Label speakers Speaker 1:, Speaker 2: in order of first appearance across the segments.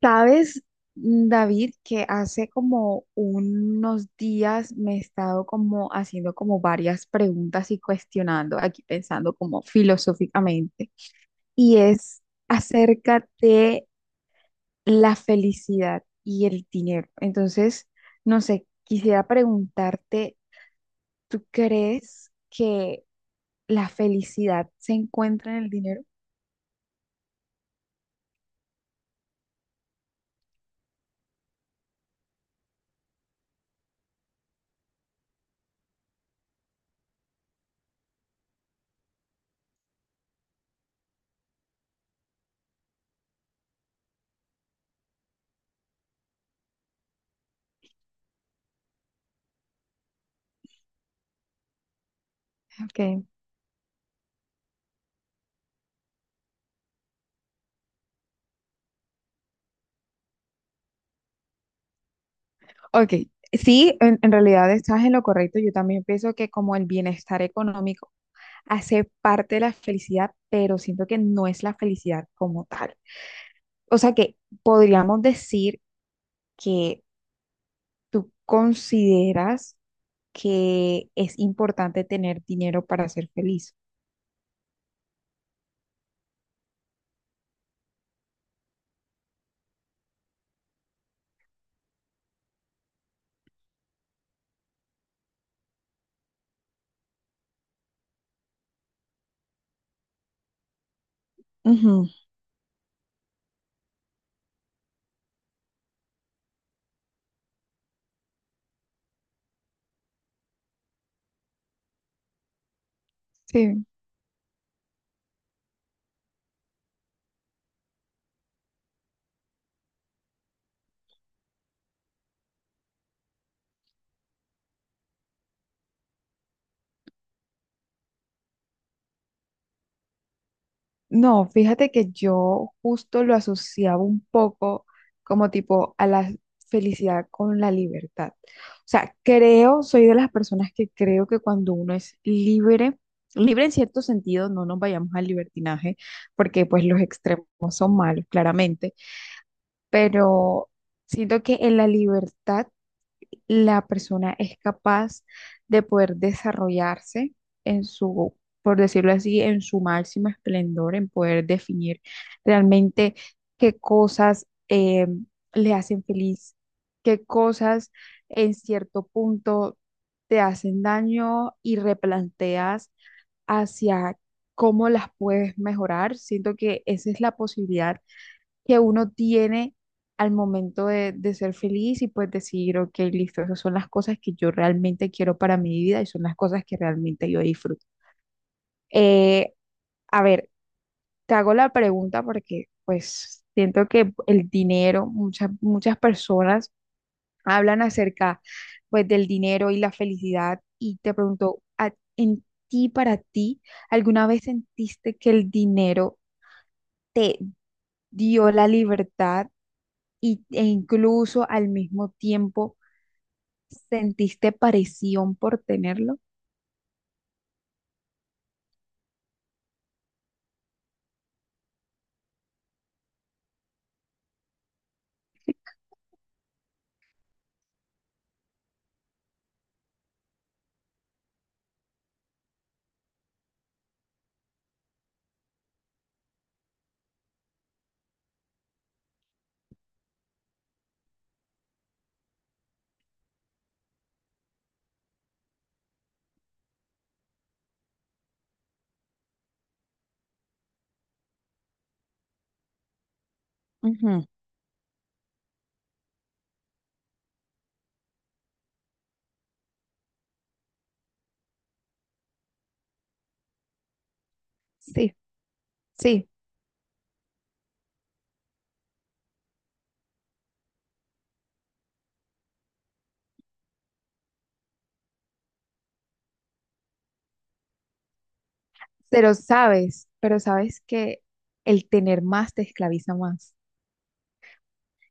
Speaker 1: Sabes, David, que hace como unos días me he estado como haciendo como varias preguntas y cuestionando, aquí pensando como filosóficamente, y es acerca de la felicidad y el dinero. Entonces, no sé, quisiera preguntarte, ¿tú crees que la felicidad se encuentra en el dinero? Ok. Ok, sí, en realidad estás en lo correcto. Yo también pienso que como el bienestar económico hace parte de la felicidad, pero siento que no es la felicidad como tal. O sea que podríamos decir que tú consideras que es importante tener dinero para ser feliz. Ujú. Sí. No, fíjate que yo justo lo asociaba un poco como tipo a la felicidad con la libertad. O sea, creo, soy de las personas que creo que cuando uno es libre, libre en cierto sentido, no nos vayamos al libertinaje, porque pues los extremos son malos, claramente, pero siento que en la libertad la persona es capaz de poder desarrollarse en su, por decirlo así, en su máximo esplendor, en poder definir realmente qué cosas le hacen feliz, qué cosas en cierto punto te hacen daño y replanteas hacia cómo las puedes mejorar. Siento que esa es la posibilidad que uno tiene al momento de ser feliz y pues decir, ok, listo, esas son las cosas que yo realmente quiero para mi vida y son las cosas que realmente yo disfruto. Eh, a ver, te hago la pregunta porque pues siento que el dinero, muchas personas hablan acerca pues del dinero y la felicidad y te pregunto, en ti, para ti, ¿alguna vez sentiste que el dinero te dio la libertad? ¿E incluso al mismo tiempo sentiste presión por tenerlo? Ujú. Sí, sí, pero sabes que el tener más te esclaviza más.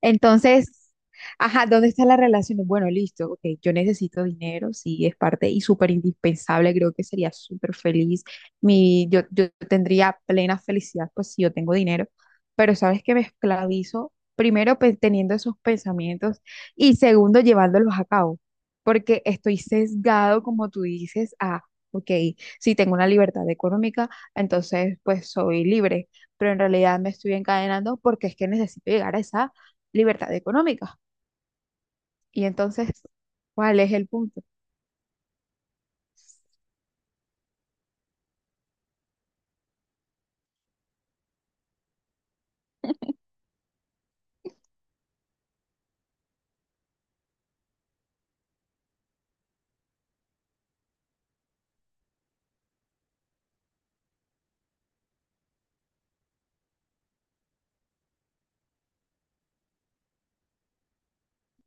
Speaker 1: Entonces, ajá, ¿dónde está la relación? Bueno, listo, ok, yo necesito dinero, sí, es parte y súper indispensable, creo que sería súper feliz. Yo tendría plena felicidad, pues si yo tengo dinero, pero sabes que me esclavizo, primero teniendo esos pensamientos y segundo llevándolos a cabo, porque estoy sesgado, como tú dices, a, ok, si tengo una libertad económica, entonces pues soy libre pero en realidad me estoy encadenando porque es que necesito llegar a esa libertad económica. Y entonces, ¿cuál es el punto?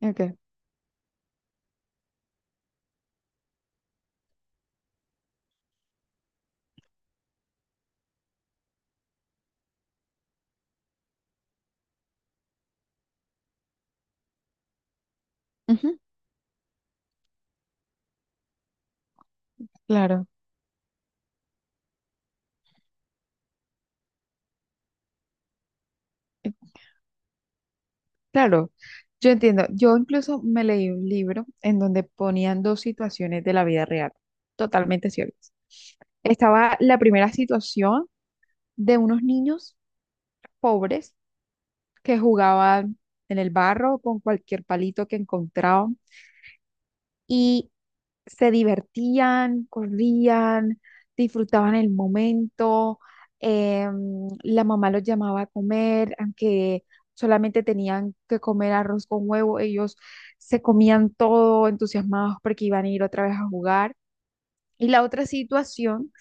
Speaker 1: Okay. Ujú. Claro. eh, Claro, yo entiendo. Yo incluso me leí un libro en donde ponían dos situaciones de la vida real, totalmente ciertas. Estaba la primera situación de unos niños pobres que jugaban en el barro con cualquier palito que encontraban y se divertían, corrían, disfrutaban el momento. La mamá los llamaba a comer, aunque solamente tenían que comer arroz con huevo, ellos se comían todo entusiasmados porque iban a ir otra vez a jugar. Y la otra situación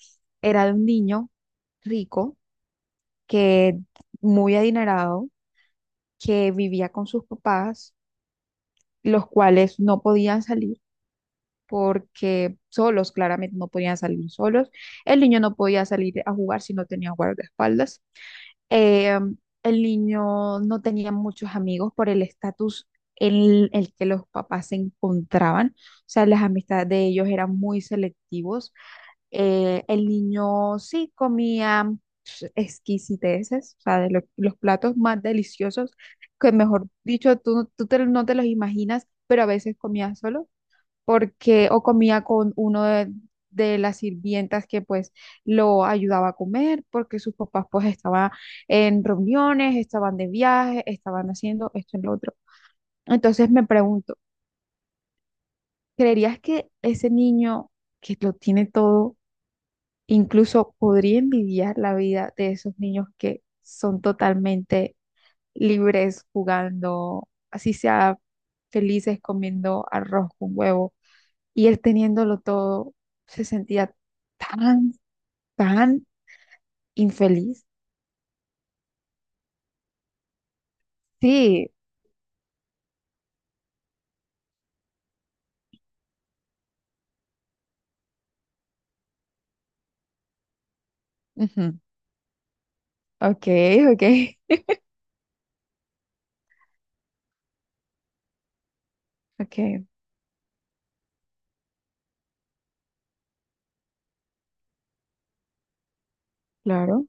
Speaker 1: era de un niño rico que muy adinerado que vivía con sus papás, los cuales no podían salir porque solos, claramente no podían salir solos. El niño no podía salir a jugar si no tenía guardaespaldas. Eh, el niño no tenía muchos amigos por el estatus en el que los papás se encontraban. O sea, las amistades de ellos eran muy selectivos. El niño sí comía pues, exquisiteces, o sea, los platos más deliciosos, que mejor dicho, tú no te los imaginas, pero a veces comía solo porque o comía con uno de las sirvientas que pues lo ayudaba a comer, porque sus papás pues estaban en reuniones, estaban de viaje, estaban haciendo esto y lo otro. Entonces me pregunto, ¿creerías que ese niño que lo tiene todo, incluso podría envidiar la vida de esos niños que son totalmente libres jugando, así sea felices comiendo arroz con huevo? Y él teniéndolo todo, se sentía tan, tan infeliz. Sí, ujú, ok, ok, ok, claro,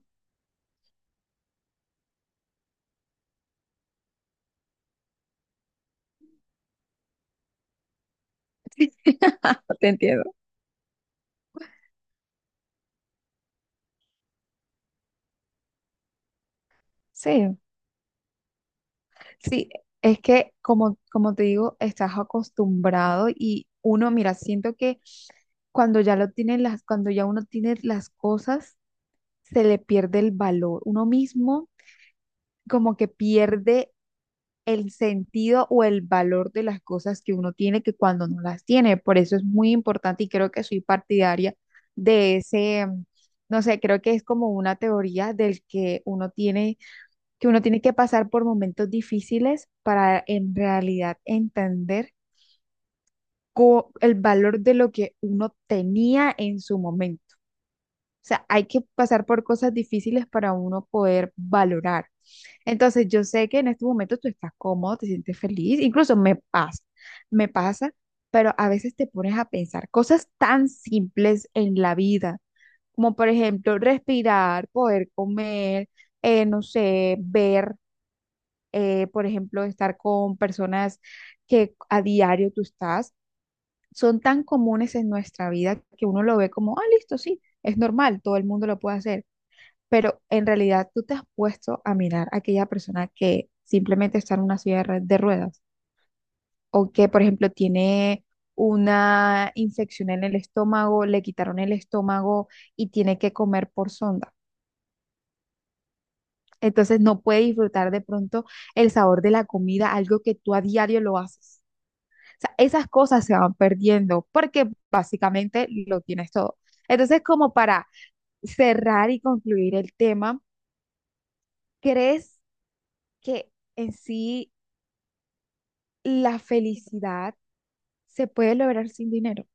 Speaker 1: te entiendo. Sí, sí, es que como te digo, estás acostumbrado y uno, mira, siento que cuando ya lo tiene las, cuando ya uno tiene las cosas, se le pierde el valor. Uno mismo como que pierde el sentido o el valor de las cosas que uno tiene que cuando no las tiene. Por eso es muy importante y creo que soy partidaria de ese, no sé, creo que es como una teoría del que uno tiene, que uno tiene que pasar por momentos difíciles para en realidad entender el valor de lo que uno tenía en su momento. O sea, hay que pasar por cosas difíciles para uno poder valorar. Entonces, yo sé que en este momento tú estás cómodo, te sientes feliz, incluso me pasa, pero a veces te pones a pensar cosas tan simples en la vida, como por ejemplo respirar, poder comer, no sé, ver, por ejemplo, estar con personas que a diario tú estás, son tan comunes en nuestra vida que uno lo ve como, ah, listo, sí, es normal, todo el mundo lo puede hacer pero en realidad tú te has puesto a mirar a aquella persona que simplemente está en una silla de ruedas o que, por ejemplo, tiene una infección en el estómago, le quitaron el estómago y tiene que comer por sonda. Entonces no puede disfrutar de pronto el sabor de la comida, algo que tú a diario lo haces. O sea, esas cosas se van perdiendo porque básicamente lo tienes todo. Entonces, como para cerrar y concluir el tema, ¿crees que en sí la felicidad se puede lograr sin dinero?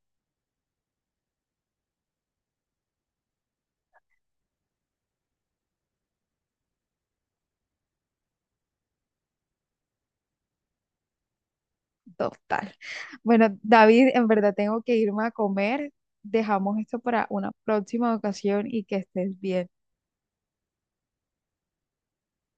Speaker 1: Total. Bueno, David, en verdad tengo que irme a comer. Dejamos esto para una próxima ocasión y que estés bien.